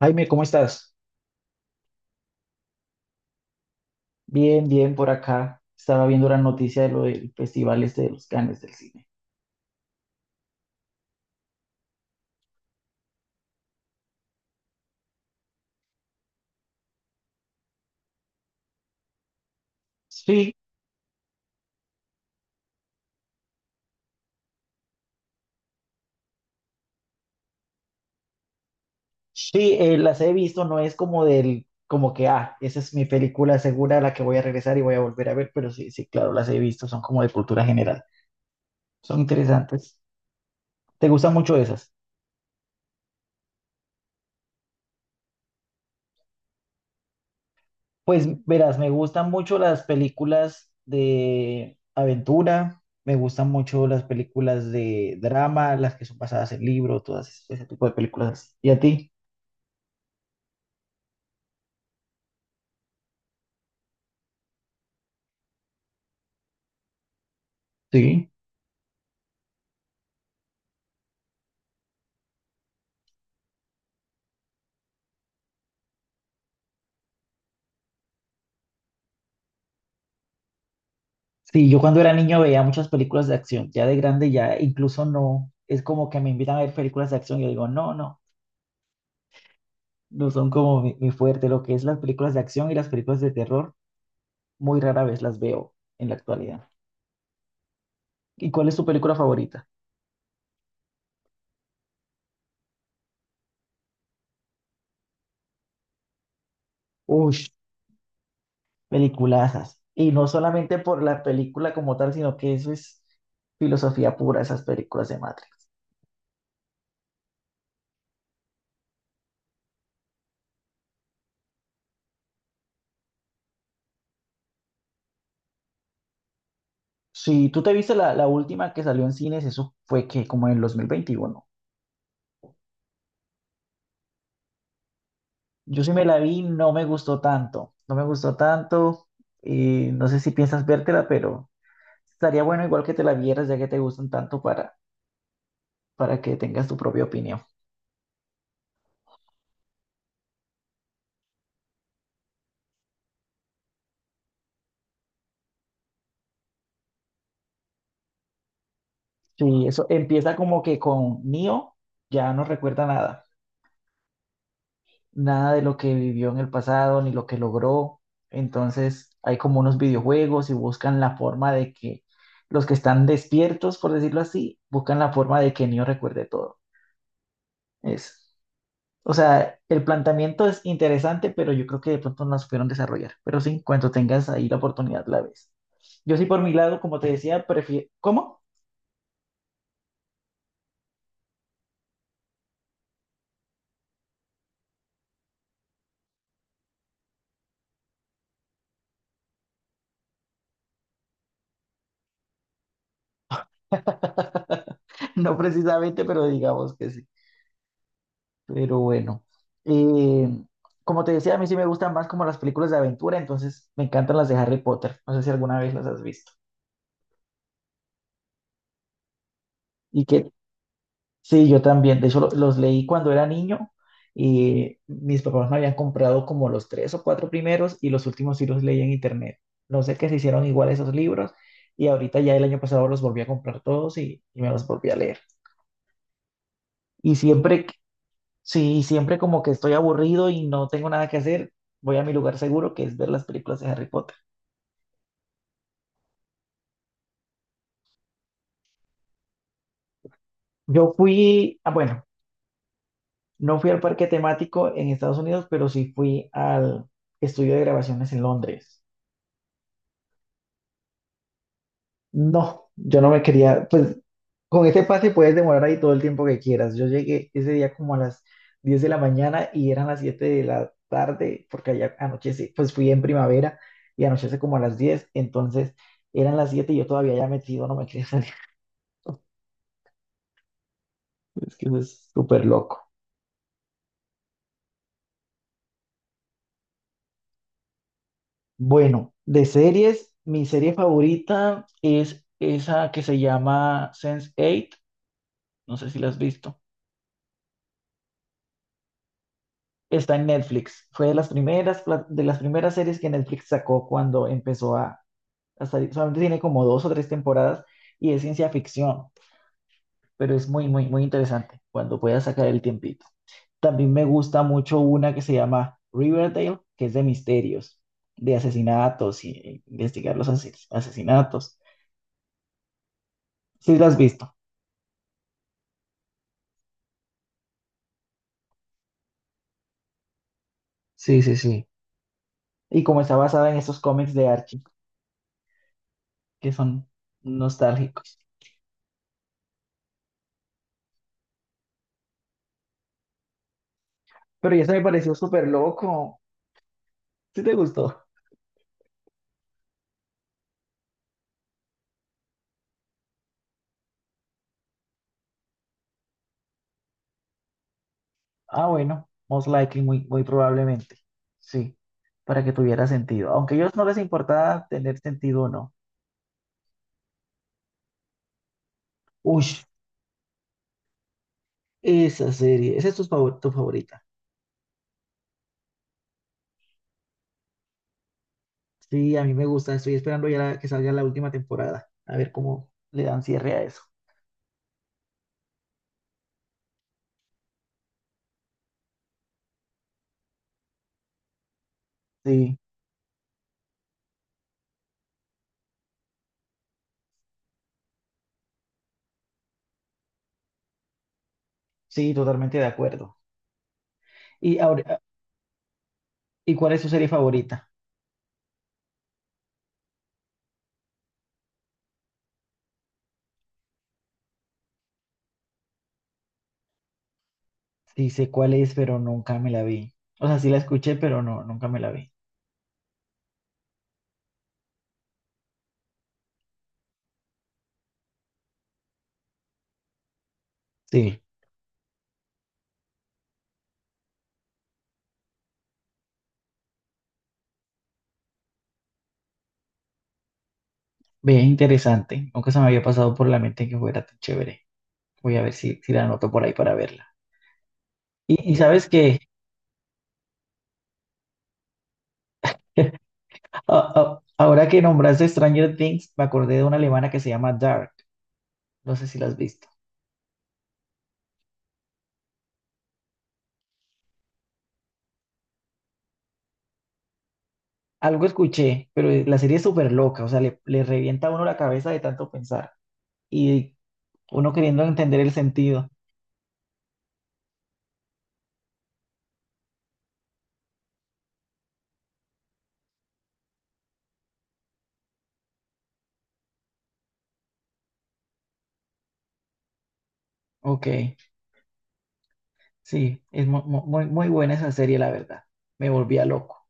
Jaime, ¿cómo estás? Bien, bien por acá. Estaba viendo la noticia de lo del festival este de los Cannes del cine. Sí, sí, las he visto, no es como del, como que, esa es mi película segura a la que voy a regresar y voy a volver a ver, pero sí, sí, claro, las he visto, son como de cultura general. Son interesantes. ¿Te gustan mucho esas? Pues verás, me gustan mucho las películas de aventura, me gustan mucho las películas de drama, las que son basadas en libros, todas ese tipo de películas. Así. ¿Y a ti? Sí, sí, yo cuando era niño veía muchas películas de acción, ya de grande ya incluso no, es como que me invitan a ver películas de acción y yo digo, no, no, no son como mi fuerte, lo que es las películas de acción y las películas de terror, muy rara vez las veo en la actualidad. ¿Y cuál es tu película favorita? Uy, peliculazas. Y no solamente por la película como tal, sino que eso es filosofía pura, esas películas de Matrix. Sí, tú te viste la última que salió en cines, eso fue que como en el 2021. Yo sí me la vi, no me gustó tanto, no me gustó tanto. No sé si piensas vértela, pero estaría bueno igual que te la vieras, ya que te gustan tanto para que tengas tu propia opinión. Sí, eso empieza como que con Neo ya no recuerda nada, nada de lo que vivió en el pasado ni lo que logró. Entonces hay como unos videojuegos y buscan la forma de que los que están despiertos, por decirlo así, buscan la forma de que Neo recuerde todo. Eso. O sea, el planteamiento es interesante, pero yo creo que de pronto no la supieron desarrollar. Pero sí, cuando tengas ahí la oportunidad, la ves. Yo sí, por mi lado, como te decía, prefiero... ¿Cómo? No precisamente, pero digamos que sí. Pero bueno, eh, como te decía, a mí sí me gustan más como las películas de aventura, entonces me encantan las de Harry Potter. No sé si alguna vez las has visto. ¿Y qué? Sí, yo también. De hecho, los leí cuando era niño y mis papás me habían comprado como los tres o cuatro primeros y los últimos sí los leí en internet. No sé qué se hicieron igual esos libros y ahorita ya el año pasado los volví a comprar todos y me los volví a leer. Y siempre, que- sí, siempre como que estoy aburrido y no tengo nada que hacer, voy a mi lugar seguro que es ver las películas de Harry Potter. Yo fui, bueno, no fui al parque temático en Estados Unidos, pero sí fui al estudio de grabaciones en Londres. No, yo no me quería, pues con ese pase puedes demorar ahí todo el tiempo que quieras. Yo llegué ese día como a las 10 de la mañana y eran las 7 de la tarde, porque allá anochece, pues fui en primavera y anochece como a las 10, entonces eran las 7 y yo todavía ya metido, no me quería salir. Es que eso es súper loco. Bueno, de series, mi serie favorita es esa que se llama sense Eight. No sé si la has visto. Está en Netflix. Fue de las primeras, de las primeras series que Netflix sacó cuando empezó a salir. Solamente tiene como dos o tres temporadas y es ciencia ficción, pero es muy, muy, muy interesante cuando puedas sacar el tiempito. También me gusta mucho una que se llama Riverdale, que es de misterios, de asesinatos y e investigar los asesinatos. Sí, la has visto. Sí, sí, sí. Y como está basada en esos cómics de Archie, que son nostálgicos. Pero ya se me pareció súper loco. ¿Sí te gustó? Ah, bueno, most likely, muy, muy probablemente. Sí, para que tuviera sentido. Aunque a ellos no les importaba tener sentido o no. Uy, esa serie, esa es tu, tu favorita. Sí, a mí me gusta, estoy esperando ya que salga la última temporada, a ver cómo le dan cierre a eso. Sí, sí, totalmente de acuerdo. ¿Y, ahora, y cuál es tu serie favorita? Sí, sé cuál es, pero nunca me la vi. O sea, sí la escuché, pero no, nunca me la vi. Sí, ve, interesante. Nunca se me había pasado por la mente que fuera tan chévere. Voy a ver si, la anoto por ahí para verla. Y sabes que ahora que nombraste Stranger Things, me acordé de una alemana que se llama Dark. No sé si la has visto. Algo escuché, pero la serie es súper loca, o sea, le revienta a uno la cabeza de tanto pensar y uno queriendo entender el sentido. Ok, sí, es muy, muy buena esa serie, la verdad. Me volvía loco.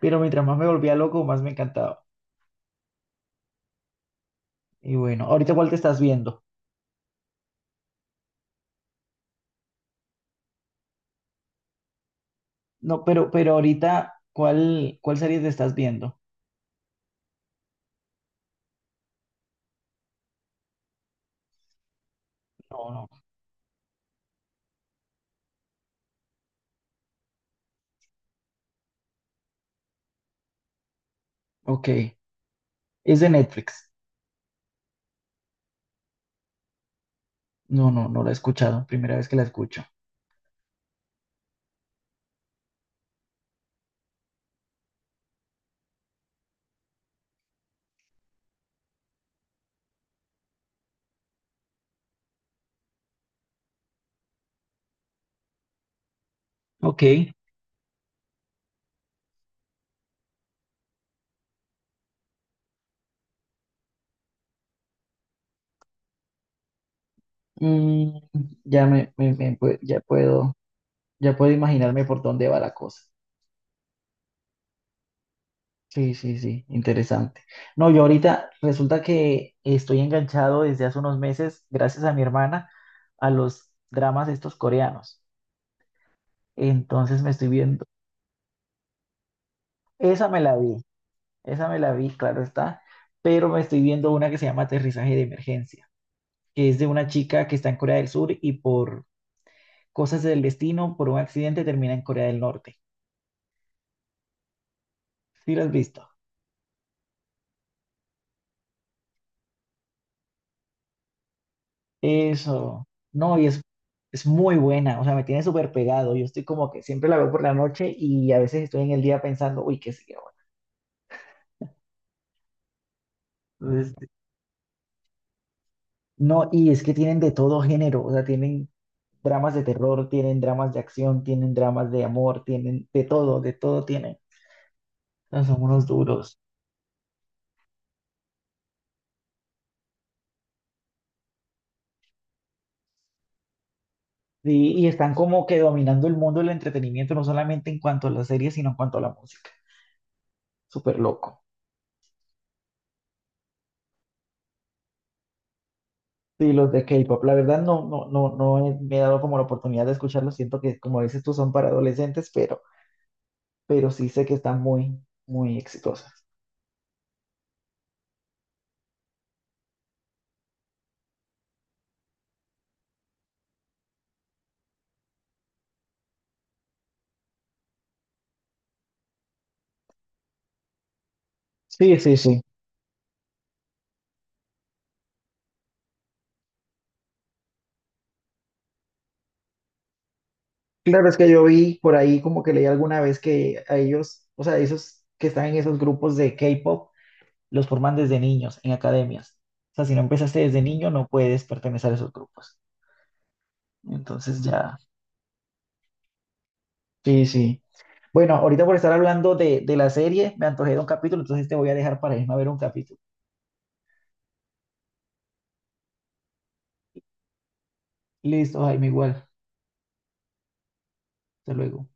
Pero mientras más me volvía loco, más me encantaba. Y bueno, ahorita cuál te estás viendo. No, pero ahorita, ¿cuál serie te estás viendo? No, no. Ok, es de Netflix. No, no, no la he escuchado. Primera vez que la escucho. Ok, mm, ya me, ya puedo imaginarme por dónde va la cosa. Sí, sí, sí, interesante. No, yo ahorita resulta que estoy enganchado desde hace unos meses, gracias a mi hermana, a los dramas estos coreanos. Entonces me estoy viendo, esa me la vi, esa me la vi, claro está, pero me estoy viendo una que se llama Aterrizaje de Emergencia, que es de una chica que está en Corea del Sur y por cosas del destino por un accidente termina en Corea del Norte. ¿Sí lo has visto? Eso. No, y es muy buena. O sea, me tiene súper pegado. Yo estoy como que siempre la veo por la noche y a veces estoy en el día pensando, uy, ¿qué sigue ahora? Entonces, no, y es que tienen de todo género. O sea, tienen dramas de terror, tienen dramas de acción, tienen dramas de amor, tienen de todo tienen. O sea, son unos duros. Sí, y están como que dominando el mundo del entretenimiento, no solamente en cuanto a las series, sino en cuanto a la música. Súper loco. Sí, los de K-pop, la verdad no, no, no, me he dado como la oportunidad de escucharlos. Siento que, como dices tú, son para adolescentes, pero sí sé que están muy, muy exitosas. Sí, sí, sí. Claro, es que yo vi por ahí como que leí alguna vez que a ellos, o sea, esos que están en esos grupos de K-pop, los forman desde niños, en academias. O sea, si no empezaste desde niño, no puedes pertenecer a esos grupos. Entonces ya. Sí, sí. Bueno, ahorita por estar hablando de la serie, me antojé de un capítulo, entonces te voy a dejar para irme a ver un capítulo. Listo, Jaime, igual. Hasta luego.